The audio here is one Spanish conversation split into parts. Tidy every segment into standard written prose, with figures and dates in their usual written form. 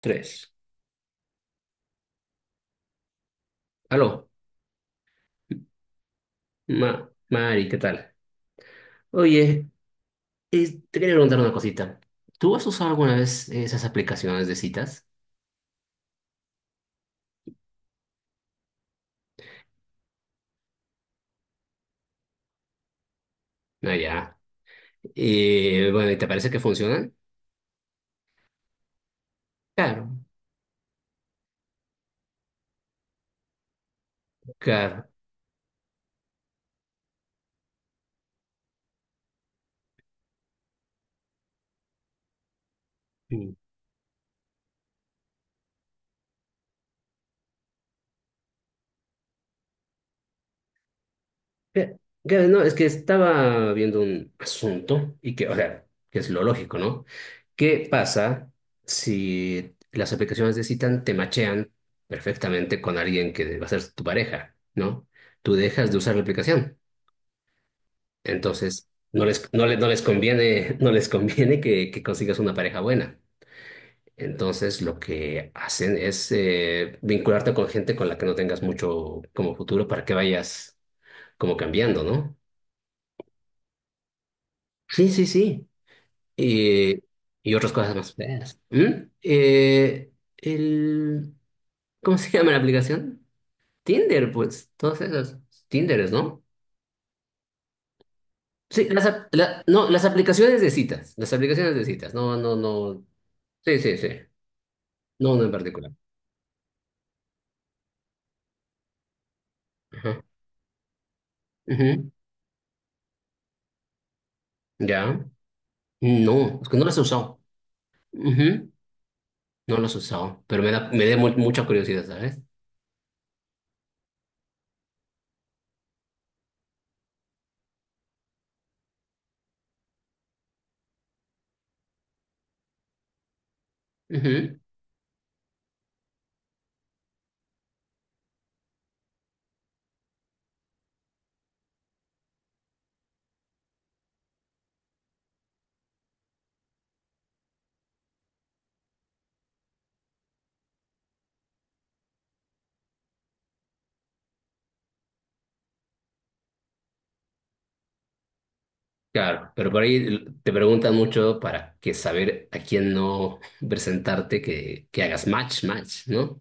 Tres. Aló, Mari, ¿qué tal? Oye, te quería preguntar una cosita. ¿Tú has usado alguna vez esas aplicaciones de citas? Ah, ya. Bueno, ¿y te parece que funcionan? Claro, claro. Mm. Cla- Claro, no, es que estaba viendo un asunto y que, o sea, que es lo lógico, ¿no? ¿Qué pasa si las aplicaciones de citas te machean perfectamente con alguien que va a ser tu pareja, ¿no? Tú dejas de usar la aplicación. Entonces, no les conviene, no les conviene que consigas una pareja buena. Entonces, lo que hacen es vincularte con gente con la que no tengas mucho como futuro para que vayas como cambiando, ¿no? Sí, sí, sí. Y, y otras cosas más feas. ¿Mm? El, ¿Cómo se llama la aplicación? Tinder, pues, todas esas. Tinderes, ¿no? Sí, no, las aplicaciones de citas. Las aplicaciones de citas. No, no, no. Sí, sí, sí. No, no en particular. Ajá. Ujú. Ya. No, es que no las he usado. Ujú. No las he usado, pero mucha curiosidad, ¿sabes? Ujú. Claro, pero por ahí te preguntan mucho para que saber a quién no presentarte, que hagas match, match, ¿no?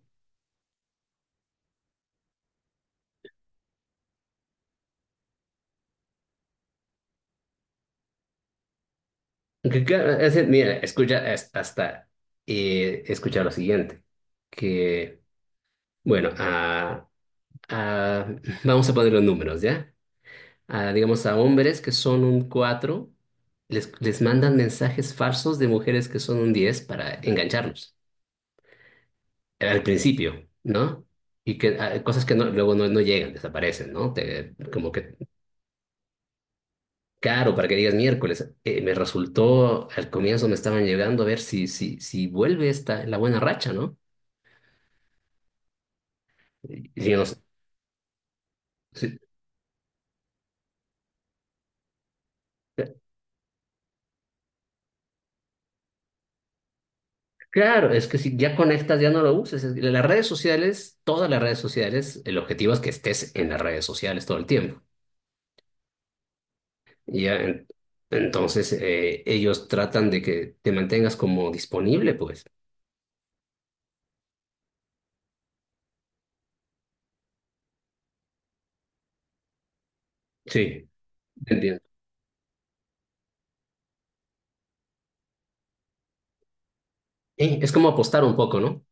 Que claro, es decir, mira, escucha hasta escuchar lo siguiente, que, bueno, ah, vamos a poner los números, ¿ya? A, digamos, a hombres que son un 4 les mandan mensajes falsos de mujeres que son un 10 para engancharlos. Al principio, ¿no? Y que cosas que luego no llegan, desaparecen, ¿no? Como que, claro, para que digas miércoles, me resultó, al comienzo me estaban llegando a ver si vuelve esta, la buena racha, ¿no? Y yo no sé, sí, eh, Claro, es que si ya conectas, ya no lo uses. Es que las redes sociales, todas las redes sociales, el objetivo es que estés en las redes sociales todo el tiempo. Y ya, entonces ellos tratan de que te mantengas como disponible, pues. Sí, te entiendo. Es como apostar un poco, ¿no?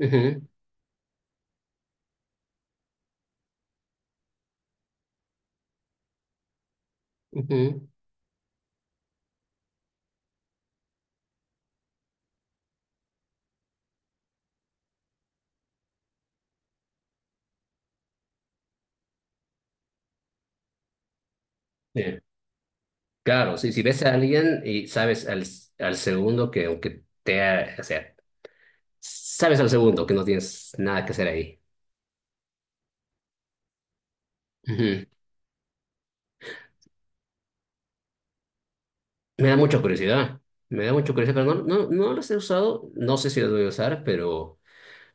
Ujú, ujú. Sí. Claro, sí, si ves a alguien y sabes al segundo que aunque o sea, sabes al segundo que no tienes nada que hacer ahí. Ujú. Me da mucha curiosidad, me da mucha curiosidad, pero no, no, no los he usado, no sé si los voy a usar, pero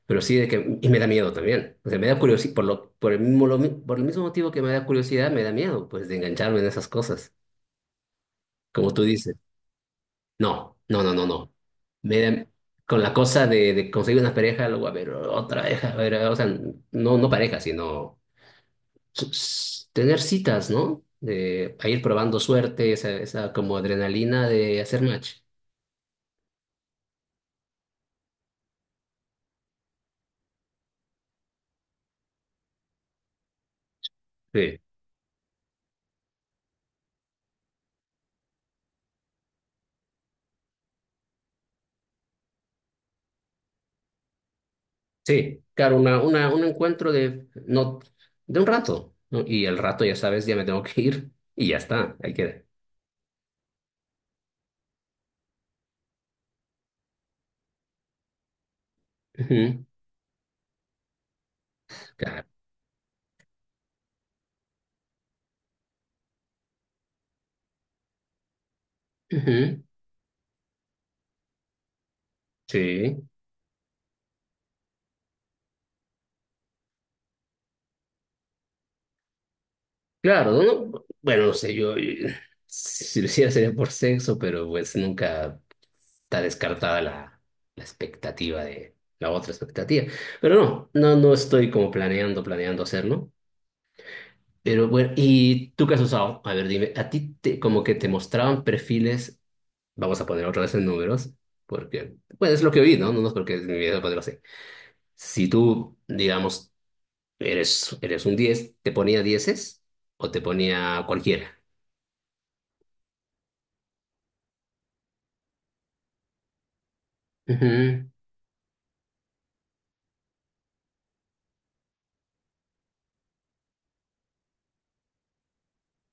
Pero sí, y me da miedo también. O sea, me da curiosidad, por lo, por el mismo, lo mi- por el mismo motivo que me da curiosidad, me da miedo, pues, de engancharme en esas cosas. Como tú dices, no, no, no, no, no. Me da- con la cosa de conseguir una pareja, luego a ver otra pareja, a ver, o sea, no, no pareja, sino tener citas, ¿no? De a ir probando suerte, esa como adrenalina de hacer match. Sí, claro, un encuentro de, no, de un rato, ¿no? Y el rato, ya sabes, ya me tengo que ir y ya está, ahí queda. Ujú, claro. Ujú, sí, claro, ¿no? Bueno, no sé, yo si lo hiciera sería por sexo, pero pues nunca está descartada la expectativa de la otra expectativa. Pero no, no, no estoy como planeando hacerlo. Pero bueno, ¿y tú qué has usado? A ver, dime, ¿a ti como que te mostraban perfiles? Vamos a poner otra vez en números, porque, bueno, es lo que vi, ¿no? No, no es porque mi vida ponerlo así. Si tú, digamos, eres un 10, ¿te ponía dieces o te ponía cualquiera? Ujú.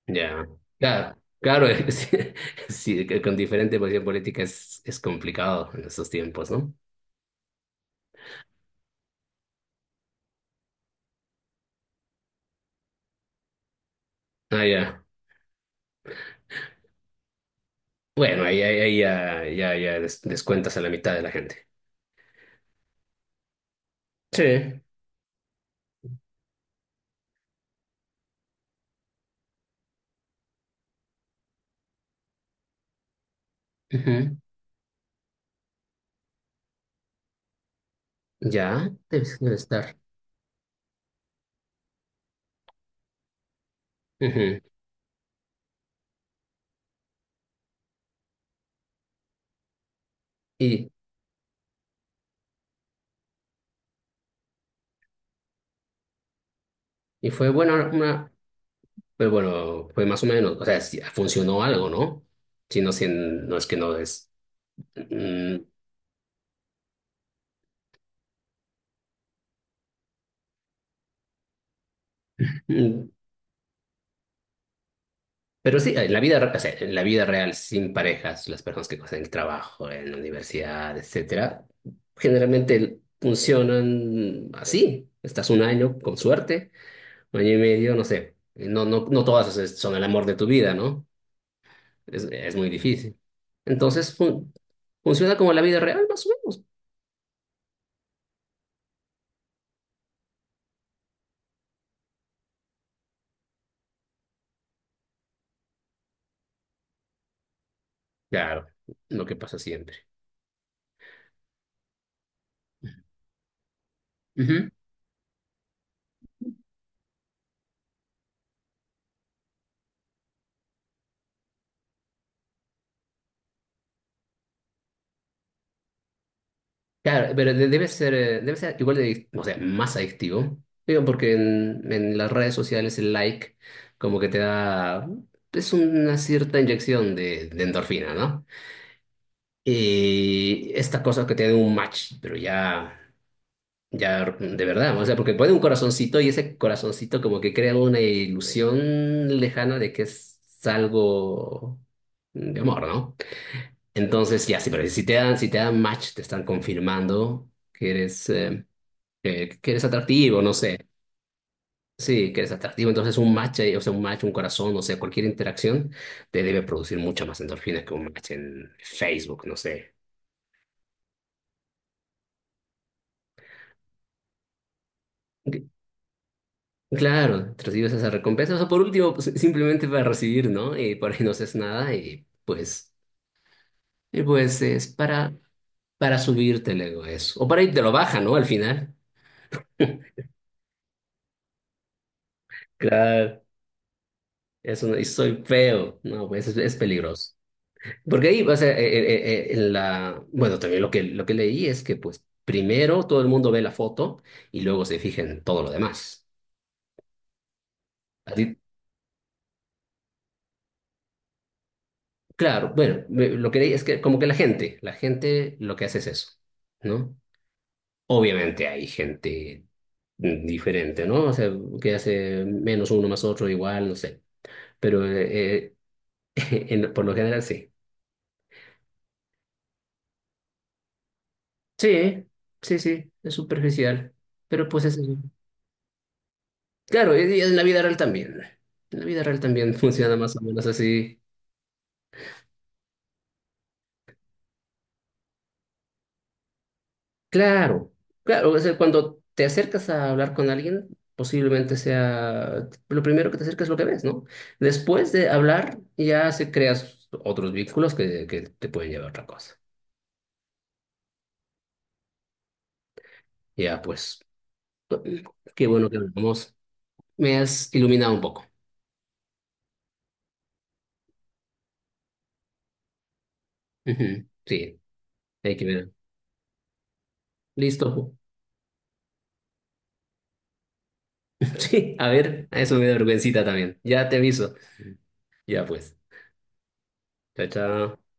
Ya, claro, claro, sí, que con diferente posición política es complicado en estos tiempos, ¿no? Ah, ya. Bueno, ahí descuentas a la mitad de la gente. Sí. Ujú. Ya, debe estar. Ujú. Y, y fue buena, una, pero bueno, fue más o menos, o sea, sí, funcionó algo, ¿no? Si no, si no es que no es. Mm, mm. Pero sí, en la vida, o sea, en la vida real, sin parejas, las personas que hacen el trabajo, en la universidad, etcétera, generalmente funcionan así. Estás un año, con suerte, un año y medio, no sé. No todas son el amor de tu vida, ¿no? Es muy difícil. Entonces, funciona como la vida real, más o menos. Claro, lo que pasa siempre. Ujú. Claro, pero debe ser igual de, o sea, más adictivo. Digo, porque en las redes sociales el like como que te da, es una cierta inyección de endorfina, ¿no? Y esta cosa que te da un match, pero ya, ya de verdad, o sea, porque pone un corazoncito y ese corazoncito como que crea una ilusión lejana de que es algo de amor, ¿no? Entonces, ya, sí, pero si te dan match, te están confirmando que eres que eres atractivo, no sé. Sí, que eres atractivo, entonces un match, o sea, un match, un corazón, o sea, cualquier interacción te debe producir mucha más endorfina que un match en Facebook, no sé. G- Claro, te recibes esa recompensa, o sea, por último, pues, simplemente para recibir, ¿no? Y por ahí no haces nada y pues, es para subirte el ego eso. O para ahí te lo baja, ¿no? Al final. Claro, eso no, y soy feo, no, pues es peligroso. Porque ahí, o sea, en la, bueno, también lo que leí es que, pues, primero todo el mundo ve la foto y luego se fija en todo lo demás. A ti- claro, bueno, lo que leí es que como que la gente lo que hace es eso, ¿no? Obviamente hay gente diferente, ¿no? O sea, que hace menos uno más otro igual, no sé. Pero por lo general sí. Sí, sí, sí, es superficial. Pero pues es eso. Sí. Claro, y en la vida real también. En la vida real también funciona más o menos así. Claro, claro, o sea, cuando te acercas a hablar con alguien, posiblemente sea lo primero que te acercas lo que ves, ¿no? Después de hablar, ya se creas otros vínculos que te pueden llevar a otra cosa. Ya, pues, qué bueno que hablamos. Me has iluminado un poco. Ujú, sí, hay que ver. Listo. Sí, a ver, a eso me da vergüencita también. Ya te aviso. Ya, pues. Chao, chao.